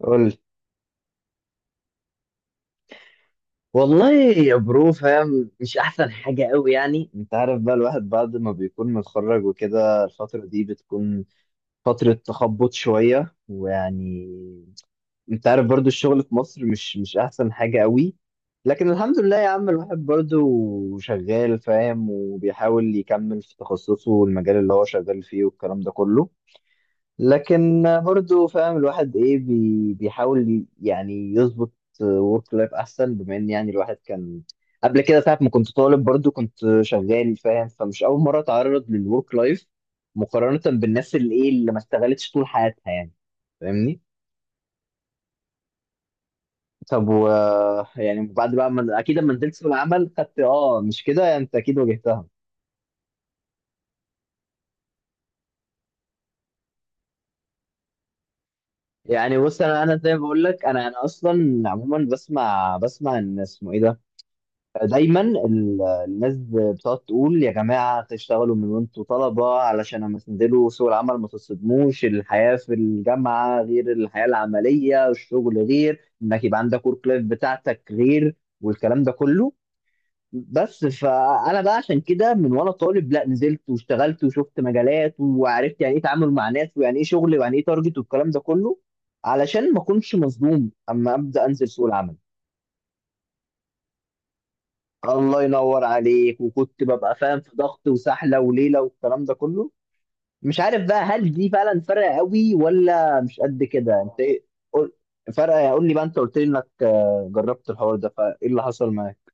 قول. والله يا برو فاهم، مش احسن حاجه قوي. يعني انت عارف بقى الواحد بعد ما بيكون متخرج وكده الفترة دي بتكون فترة تخبط شوية، ويعني انت عارف برضو الشغل في مصر مش احسن حاجة قوي. لكن الحمد لله يا عم الواحد برضو شغال، فاهم، وبيحاول يكمل في تخصصه والمجال اللي هو شغال فيه والكلام ده كله. لكن برضه فاهم الواحد ايه، بيحاول يعني يظبط ورك لايف احسن، بما ان يعني الواحد كان قبل كده ساعة ما كنت طالب برضه كنت شغال، فاهم، فمش اول مرة اتعرض للورك لايف مقارنة بالناس اللي ايه، اللي ما اشتغلتش طول حياتها يعني. فاهمني؟ طب و يعني بعد بقى ما، اكيد لما نزلت سوق العمل خدت اه مش كده، يعني انت اكيد واجهتها. يعني بص، انا زي ما بقول لك، انا اصلا عموما بسمع، بسمع ان اسمه ايه ده، دايما الناس بتقعد تقول يا جماعه تشتغلوا من وانتوا طلبه، علشان اما تنزلوا سوق العمل ما تصدموش. الحياه في الجامعه غير الحياه العمليه، الشغل غير انك يبقى عندك ورك لايف بتاعتك، غير والكلام ده كله. بس فانا بقى عشان كده من وانا طالب، لا نزلت واشتغلت وشفت مجالات وعرفت يعني ايه تعامل مع ناس، ويعني ايه شغل، ويعني ايه تارجت، والكلام ده كله، علشان ما اكونش مصدوم اما ابدا انزل سوق العمل. الله ينور عليك. وكنت ببقى فاهم في ضغط وسحله وليله والكلام ده كله. مش عارف بقى هل دي فعلا فارقه قوي ولا مش قد كده؟ انت ايه؟ قول. فارقه. قول لي بقى، انت قلت لي انك جربت الحوار ده، فايه اللي حصل معاك؟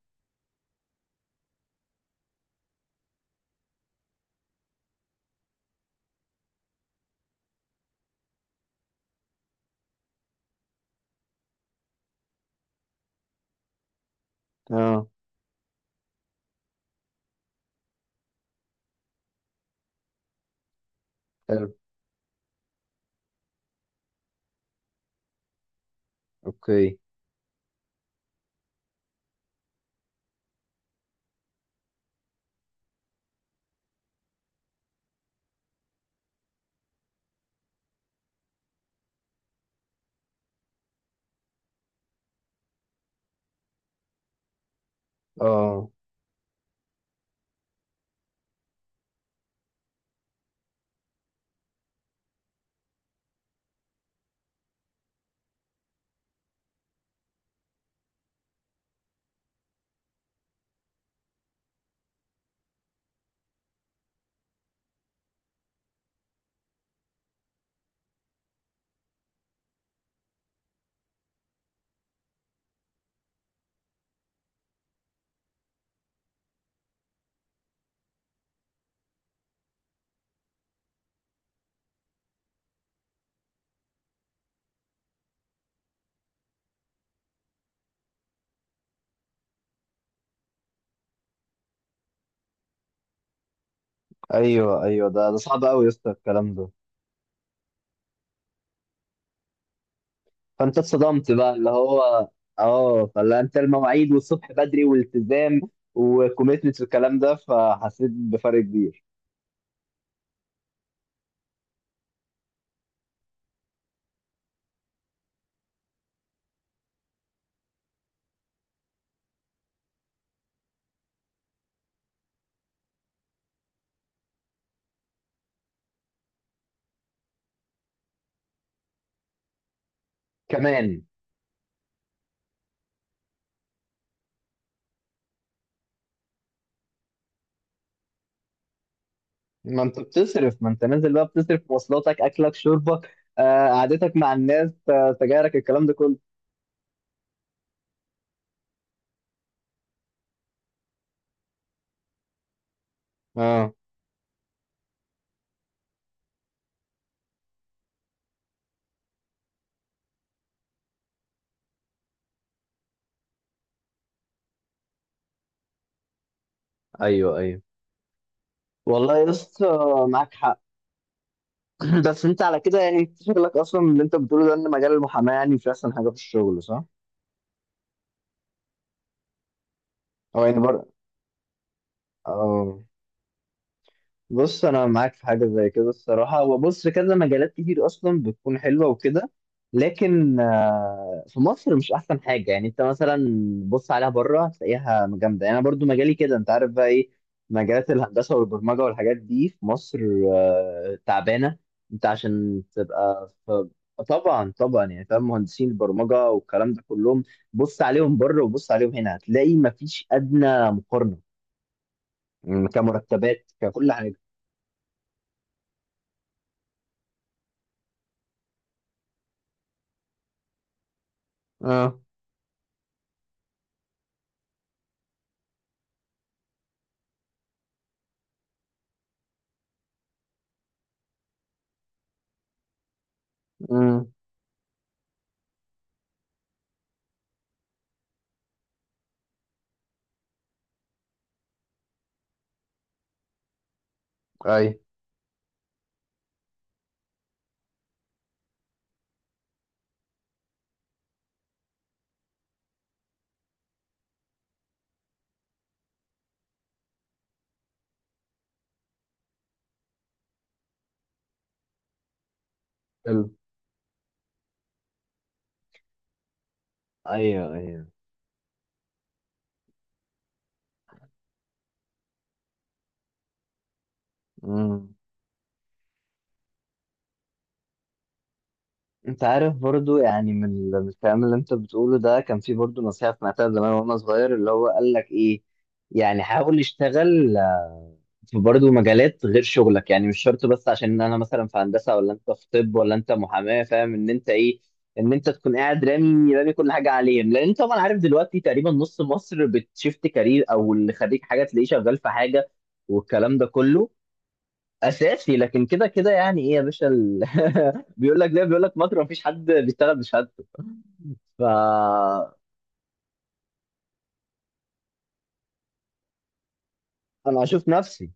اه. حلو. اوكي. اه. ايوه ايوه، ده صعب قوي يا اسطى الكلام ده. فانت اتصدمت بقى، اللي هو اه، فلا انت المواعيد والصبح بدري والالتزام وكوميتمنت والكلام ده، فحسيت بفرق كبير. كمان؟ ما انت بتصرف، ما انت نازل بقى بتصرف في مواصلاتك، اكلك، شربك، قعدتك مع الناس، سجايرك، الكلام ده كله. اه ايوه ايوه. والله يا اسطى معاك حق. بس انت على كده يعني، شغلك اصلا اللي انت بتقوله ده، ان مجال المحاماه يعني مش احسن حاجه في الشغل، صح؟ او يعني اه، بص انا معاك في حاجه زي كده الصراحه. وبص، كذا مجالات كتير اصلا بتكون حلوه وكده، لكن في مصر مش احسن حاجه. يعني انت مثلا بص عليها بره هتلاقيها جامده. يعني انا برضو مجالي كده، انت عارف بقى ايه، مجالات الهندسه والبرمجه والحاجات دي في مصر تعبانه. انت عشان تبقى في، طبعا طبعا. يعني فاهم، مهندسين البرمجه والكلام ده كلهم، بص عليهم بره وبص عليهم هنا، هتلاقي مفيش ادنى مقارنه، يعني كمرتبات، ككل حاجه. اه. امم. اي. حلو. ايوه ايوه. امم. انت عارف برضو يعني من الكلام اللي انت بتقوله ده، كان في برضو نصيحة سمعتها زمان وانا صغير، اللي هو قال لك ايه، يعني حاول اشتغل في برضو مجالات غير شغلك. يعني مش شرط بس عشان انا مثلا في هندسة، ولا انت في طب، ولا انت محاماة، فاهم، ان انت ايه، ان انت تكون قاعد رامي رامي كل حاجة عليهم، لان انت طبعا عارف دلوقتي تقريبا نص مصر بتشفت كارير، او اللي خريج حاجة تلاقيه شغال في حاجة والكلام ده كله. اساسي. لكن كده كده يعني ايه يا باشا بيقول لك زي ما بيقول لك مطر، مفيش حد بيشتغل بشهادته. ف انا هشوف نفسي.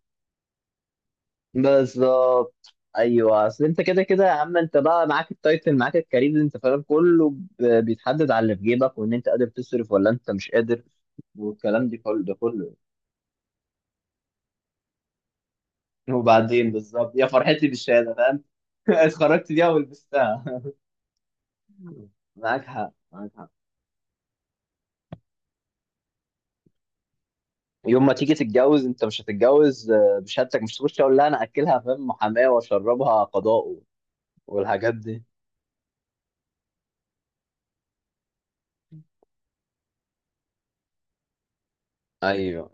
بالظبط. ايوه، اصل انت كده كده يا عم، انت بقى معاك التايتل، معاك الكارير، اللي انت فاهم كله بيتحدد على اللي في جيبك، وان انت قادر تصرف ولا انت مش قادر، والكلام دي كله. وبعدين بالظبط، يا فرحتي بالشهاده، فاهم. اتخرجت بيها ولبستها. معاك حق معاك حق. يوم ما تيجي تتجوز انت مش هتتجوز بشهادتك، مش تخش اقول لا انا اكلها، فاهم، محاماه واشربها قضاء والحاجات دي. ايوه.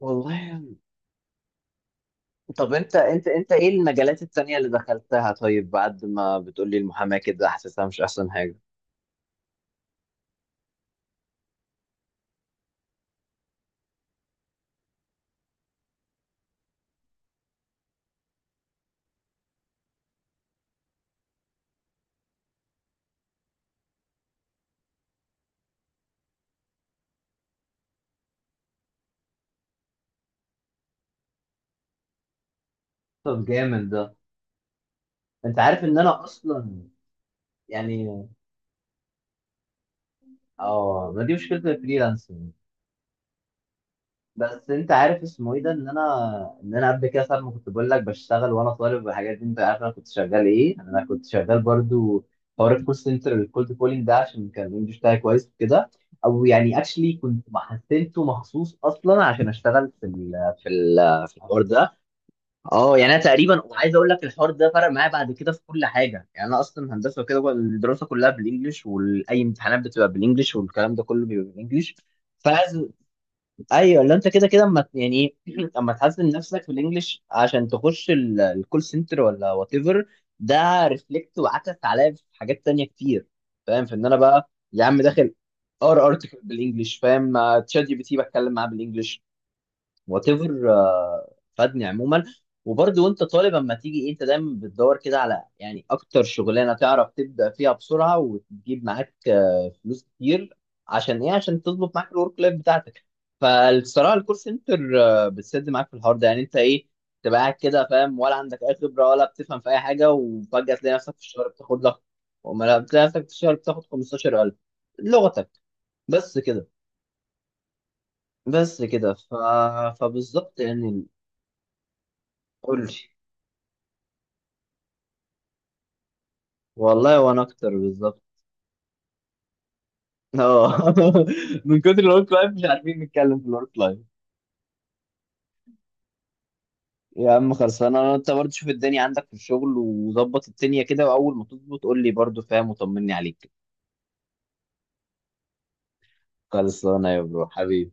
والله. طب انت، انت ايه المجالات التانية اللي دخلتها، طيب؟ بعد ما بتقولي المحاماة كده حاسسها مش احسن حاجة. طب جامد ده. انت عارف ان انا اصلا يعني اه، ما دي مشكلة الفريلانسنج. بس انت عارف اسمه ايه ده، ان انا قبل كده ساعة ما كنت بقول لك بشتغل وانا طالب والحاجات دي، انت عارف انا كنت شغال ايه؟ انا كنت شغال برضو حوار الكول سنتر، الكولد كولينج ده، عشان كان الانجلش بتاعي كويس وكده. او يعني اكشلي كنت محسنته مخصوص اصلا عشان اشتغل في ال في الحوار ده. اه، يعني انا تقريبا عايز اقول لك الحوار ده فرق معايا بعد كده في كل حاجه. يعني انا اصلا هندسه وكده، الدراسه كلها بالانجلش، واي امتحانات بتبقى بالانجلش والكلام ده كله بيبقى بالانجلش. ايوه، اللي انت كده كده اما يعني ايه، اما تحسن نفسك في الانجليش عشان تخش الكول سنتر ولا وات ايفر، ده ريفلكت وعكس عليا في حاجات تانية كتير، فاهم؟ في ان انا بقى يا عم داخل اقرا ارتكل بالانجلش، فاهم، مع تشات جي بي تي بتكلم معاه بالانجلش، وات ايفر. فادني عموما. وبرضه وانت طالب اما تيجي انت دايما بتدور كده على يعني اكتر شغلانه تعرف تبدا فيها بسرعه وتجيب معاك فلوس كتير، عشان ايه؟ عشان تظبط معاك الورك لايف بتاعتك. فالصراحه الكول سنتر بتسد معاك في الحوار ده. يعني انت ايه، تبقى قاعد كده فاهم، ولا عندك اي خبره، ولا بتفهم في اي حاجه، وفجاه تلاقي نفسك في الشهر بتاخد لك، وما بتلاقي نفسك في الشهر بتاخد 15,000 لغتك. بس كده. بس كده ف... فبالظبط يعني. قول لي. والله وانا اكتر، بالظبط. اه. من كتر الورك لايف مش عارفين نتكلم في الورك لايف. يا عم خلصانه انا. انت برضه شوف الدنيا عندك في الشغل وظبط الدنيا كده، واول ما تظبط قول لي برضه، فاهم، وطمني عليك. خلصانه يا برو، حبيبي.